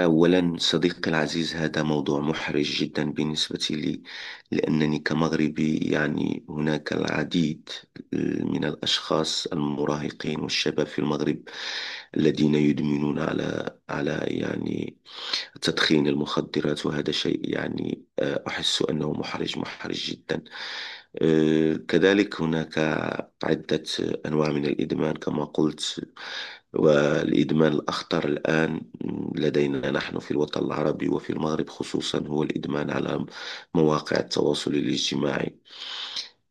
أولا صديقي العزيز، هذا موضوع محرج جدا بالنسبة لي. لأنني كمغربي هناك العديد آه، من الأشخاص المراهقين والشباب في المغرب الذين يدمنون على على يعني تدخين المخدرات. وهذا شيء أحس أنه محرج محرج جدا. كذلك هناك عدة أنواع من الإدمان، كما قلت. والإدمان الأخطر الآن لدينا نحن في الوطن العربي وفي المغرب خصوصا هو الإدمان على مواقع التواصل الاجتماعي.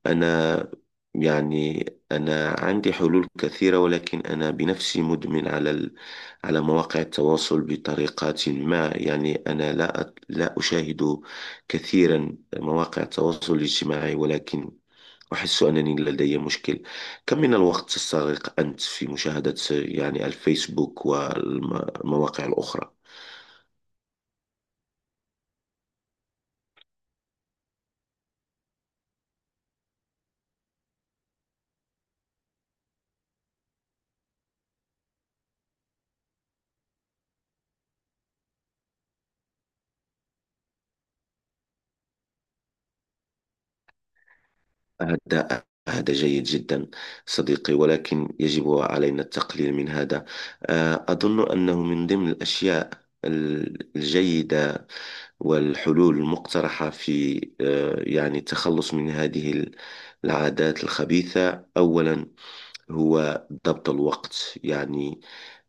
أنا يعني أنا عندي حلول كثيرة، ولكن أنا بنفسي مدمن على مواقع التواصل بطريقة ما. أنا لا أشاهد كثيرا مواقع التواصل الاجتماعي، ولكن أحس أنني لدي مشكل. كم من الوقت تستغرق أنت في مشاهدة الفيسبوك والمواقع الأخرى؟ هذا هذا جيد جدا صديقي، ولكن يجب علينا التقليل من هذا. أظن أنه من ضمن الأشياء الجيدة والحلول المقترحة في التخلص من هذه العادات الخبيثة. أولا هو ضبط الوقت. يعني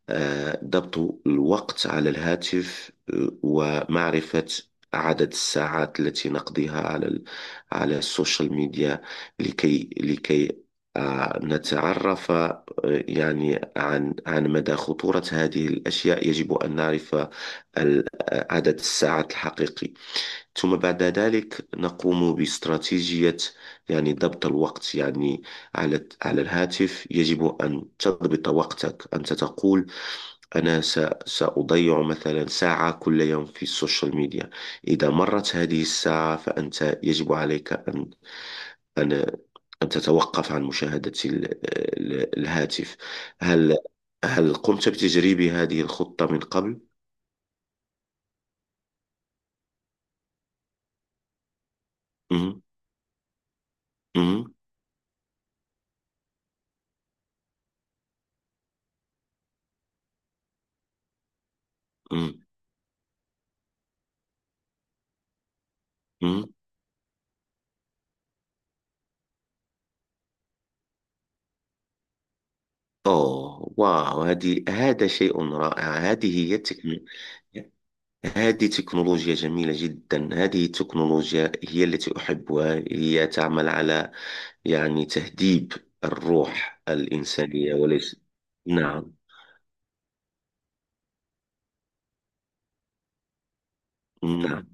آه، ضبط الوقت على الهاتف، ومعرفة عدد الساعات التي نقضيها على السوشيال ميديا، لكي لكي نتعرف عن عن مدى خطورة هذه الأشياء. يجب أن نعرف ال- عدد الساعات الحقيقي، ثم بعد ذلك نقوم باستراتيجية. ضبط الوقت يعني على على الهاتف. يجب أن تضبط وقتك. أنت تقول أنا سأضيع مثلا ساعة كل يوم في السوشيال ميديا. إذا مرت هذه الساعة فأنت يجب عليك أن أن تتوقف عن مشاهدة الهاتف. هل هل قمت بتجريب هذه الخطة من قبل؟ مم. مم. مم. مم. أوه، واو! هذا شيء رائع! هذه هي التكنولوجيا. هذه تكنولوجيا جميلة جدا، هذه التكنولوجيا هي التي أحبها. هي تعمل على تهذيب الروح الإنسانية، وليس. نعم. نعم.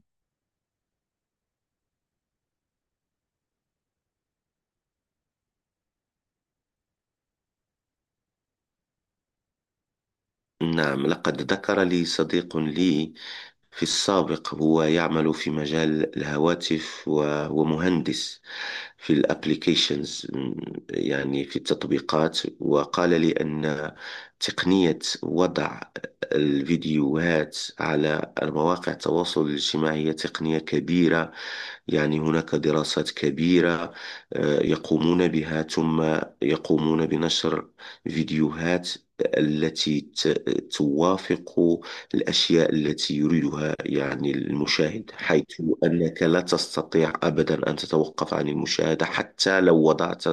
نعم، لقد ذكر لي صديق لي في السابق، هو يعمل في مجال الهواتف وهو مهندس في الابليكيشنز، في التطبيقات. وقال لي أن تقنية وضع الفيديوهات على مواقع التواصل الاجتماعي هي تقنية كبيرة. هناك دراسات كبيرة يقومون بها، ثم يقومون بنشر فيديوهات التي توافق الأشياء التي يريدها المشاهد، حيث أنك لا تستطيع أبدا أن تتوقف عن المشاهدة حتى لو وضعت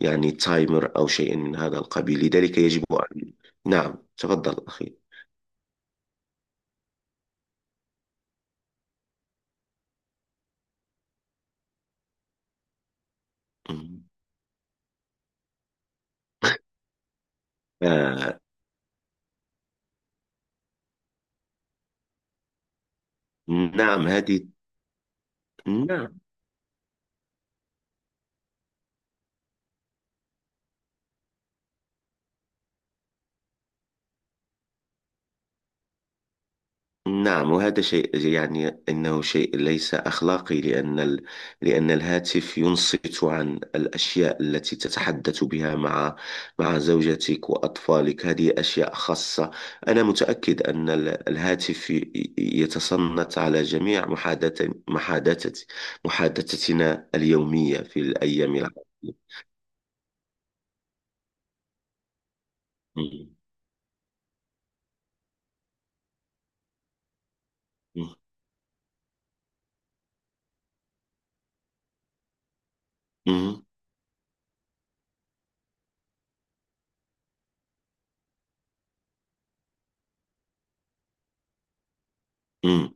تايمر أو شيء من هذا القبيل. لذلك يجب أن. نعم، تفضل أخي. مم. آه، نعم. هذه. نعم، نعم، وهذا شيء أنه شيء ليس أخلاقي. لأن ال. لأن الهاتف ينصت عن الأشياء التي تتحدث بها مع مع زوجتك وأطفالك، هذه أشياء خاصة. أنا متأكد أن الهاتف يتصنت على جميع محادثة محادثة محادثتنا اليومية في الأيام العادية. مم. مم. مم.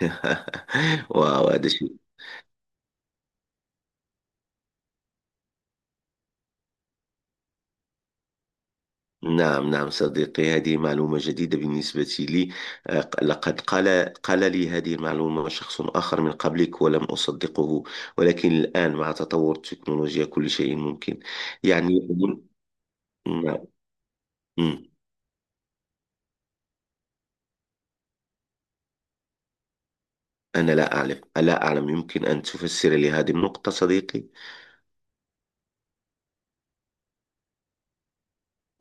واو، هذا شيء. نعم. نعم صديقي، هذه معلومة جديدة بالنسبة لي. لقد قال قال لي هذه المعلومة شخص آخر من قبلك، ولم أصدقه. ولكن الآن مع تطور التكنولوجيا كل شيء ممكن. يعني نعم. مم. أنا لا أعرف، لا أعلم. يمكن أن تفسر لي هذه النقطة صديقي؟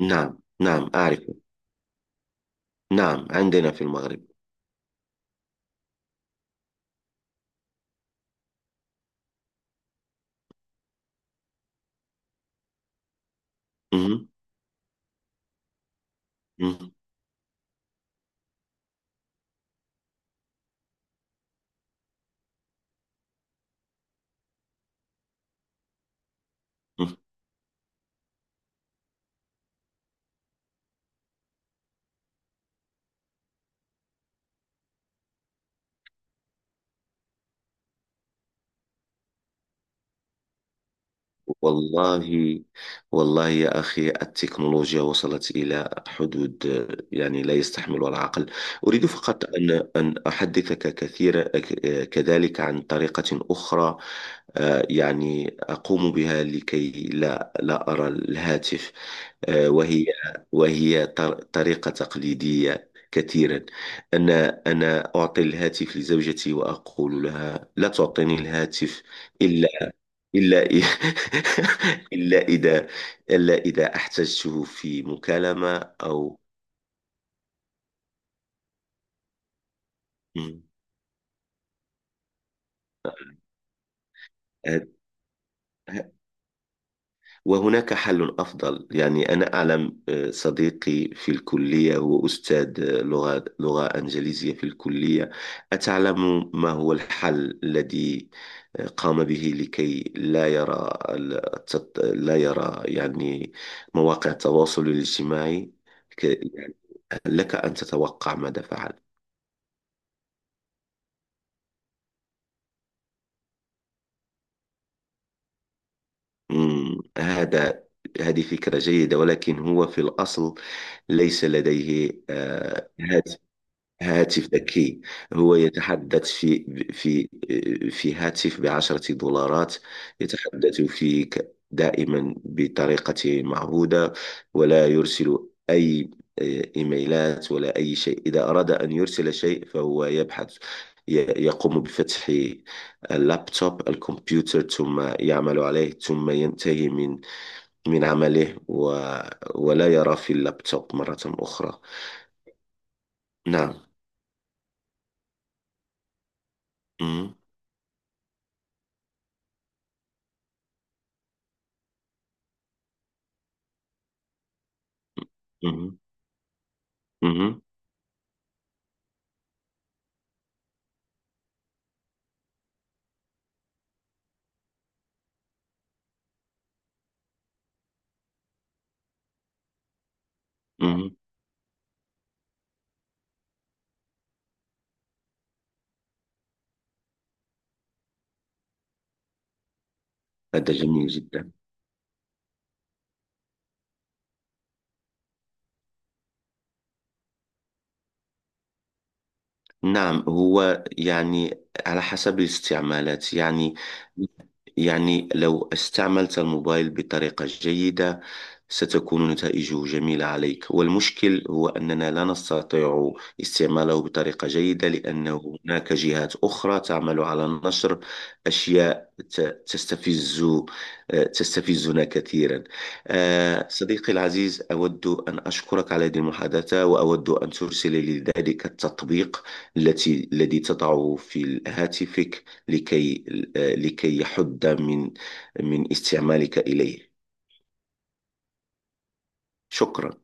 نعم. نعم أعرف. نعم، عندنا في المغرب. مم. مم. والله، والله يا أخي، التكنولوجيا وصلت إلى حدود لا يستحملها العقل. أريد فقط أن أحدثك كثيرا كذلك عن طريقة أخرى، أقوم بها لكي لا لا أرى الهاتف، وهي. طريقة تقليدية كثيرا. أنا أنا أعطي الهاتف لزوجتي، وأقول لها لا تعطيني الهاتف إلا إلا إ- إلا إذا إلا إذا احتجته في مكالمة. أو. مم. هد. ه. وهناك حل أفضل. أنا أعلم صديقي في الكلية، هو أستاذ لغة لغة إنجليزية في الكلية. أتعلم ما هو الحل الذي قام به لكي لا يرى لا يرى مواقع التواصل الاجتماعي؟ ك. يعني لك أن تتوقع ماذا فعل. مم، هذه فكرة جيدة، ولكن هو في الأصل ليس لديه هذا هاتف ذكي. هو يتحدث في في هاتف بـ10 دولارات، يتحدث فيك دائما بطريقة معهودة، ولا يرسل أي إيميلات ولا أي شيء. إذا أراد أن يرسل شيء فهو يبحث، يقوم بفتح اللابتوب، الكمبيوتر، ثم يعمل عليه ثم ينتهي من عمله، و ولا يرى في اللابتوب مرة أخرى. نعم. مم. مهم. مهم. هذا جميل جدا. نعم، هو على حسب الاستعمالات. لو استعملت الموبايل بطريقة جيدة ستكون نتائجه جميلة عليك، والمشكل هو أننا لا نستطيع استعماله بطريقة جيدة، لأنه هناك جهات أخرى تعمل على نشر أشياء تستفز تستفزنا كثيرا. صديقي العزيز، أود أن أشكرك على هذه المحادثة، وأود أن ترسل لي ذلك التطبيق الذي تضعه في هاتفك لكي يحد من استعمالك إليه. شكرا.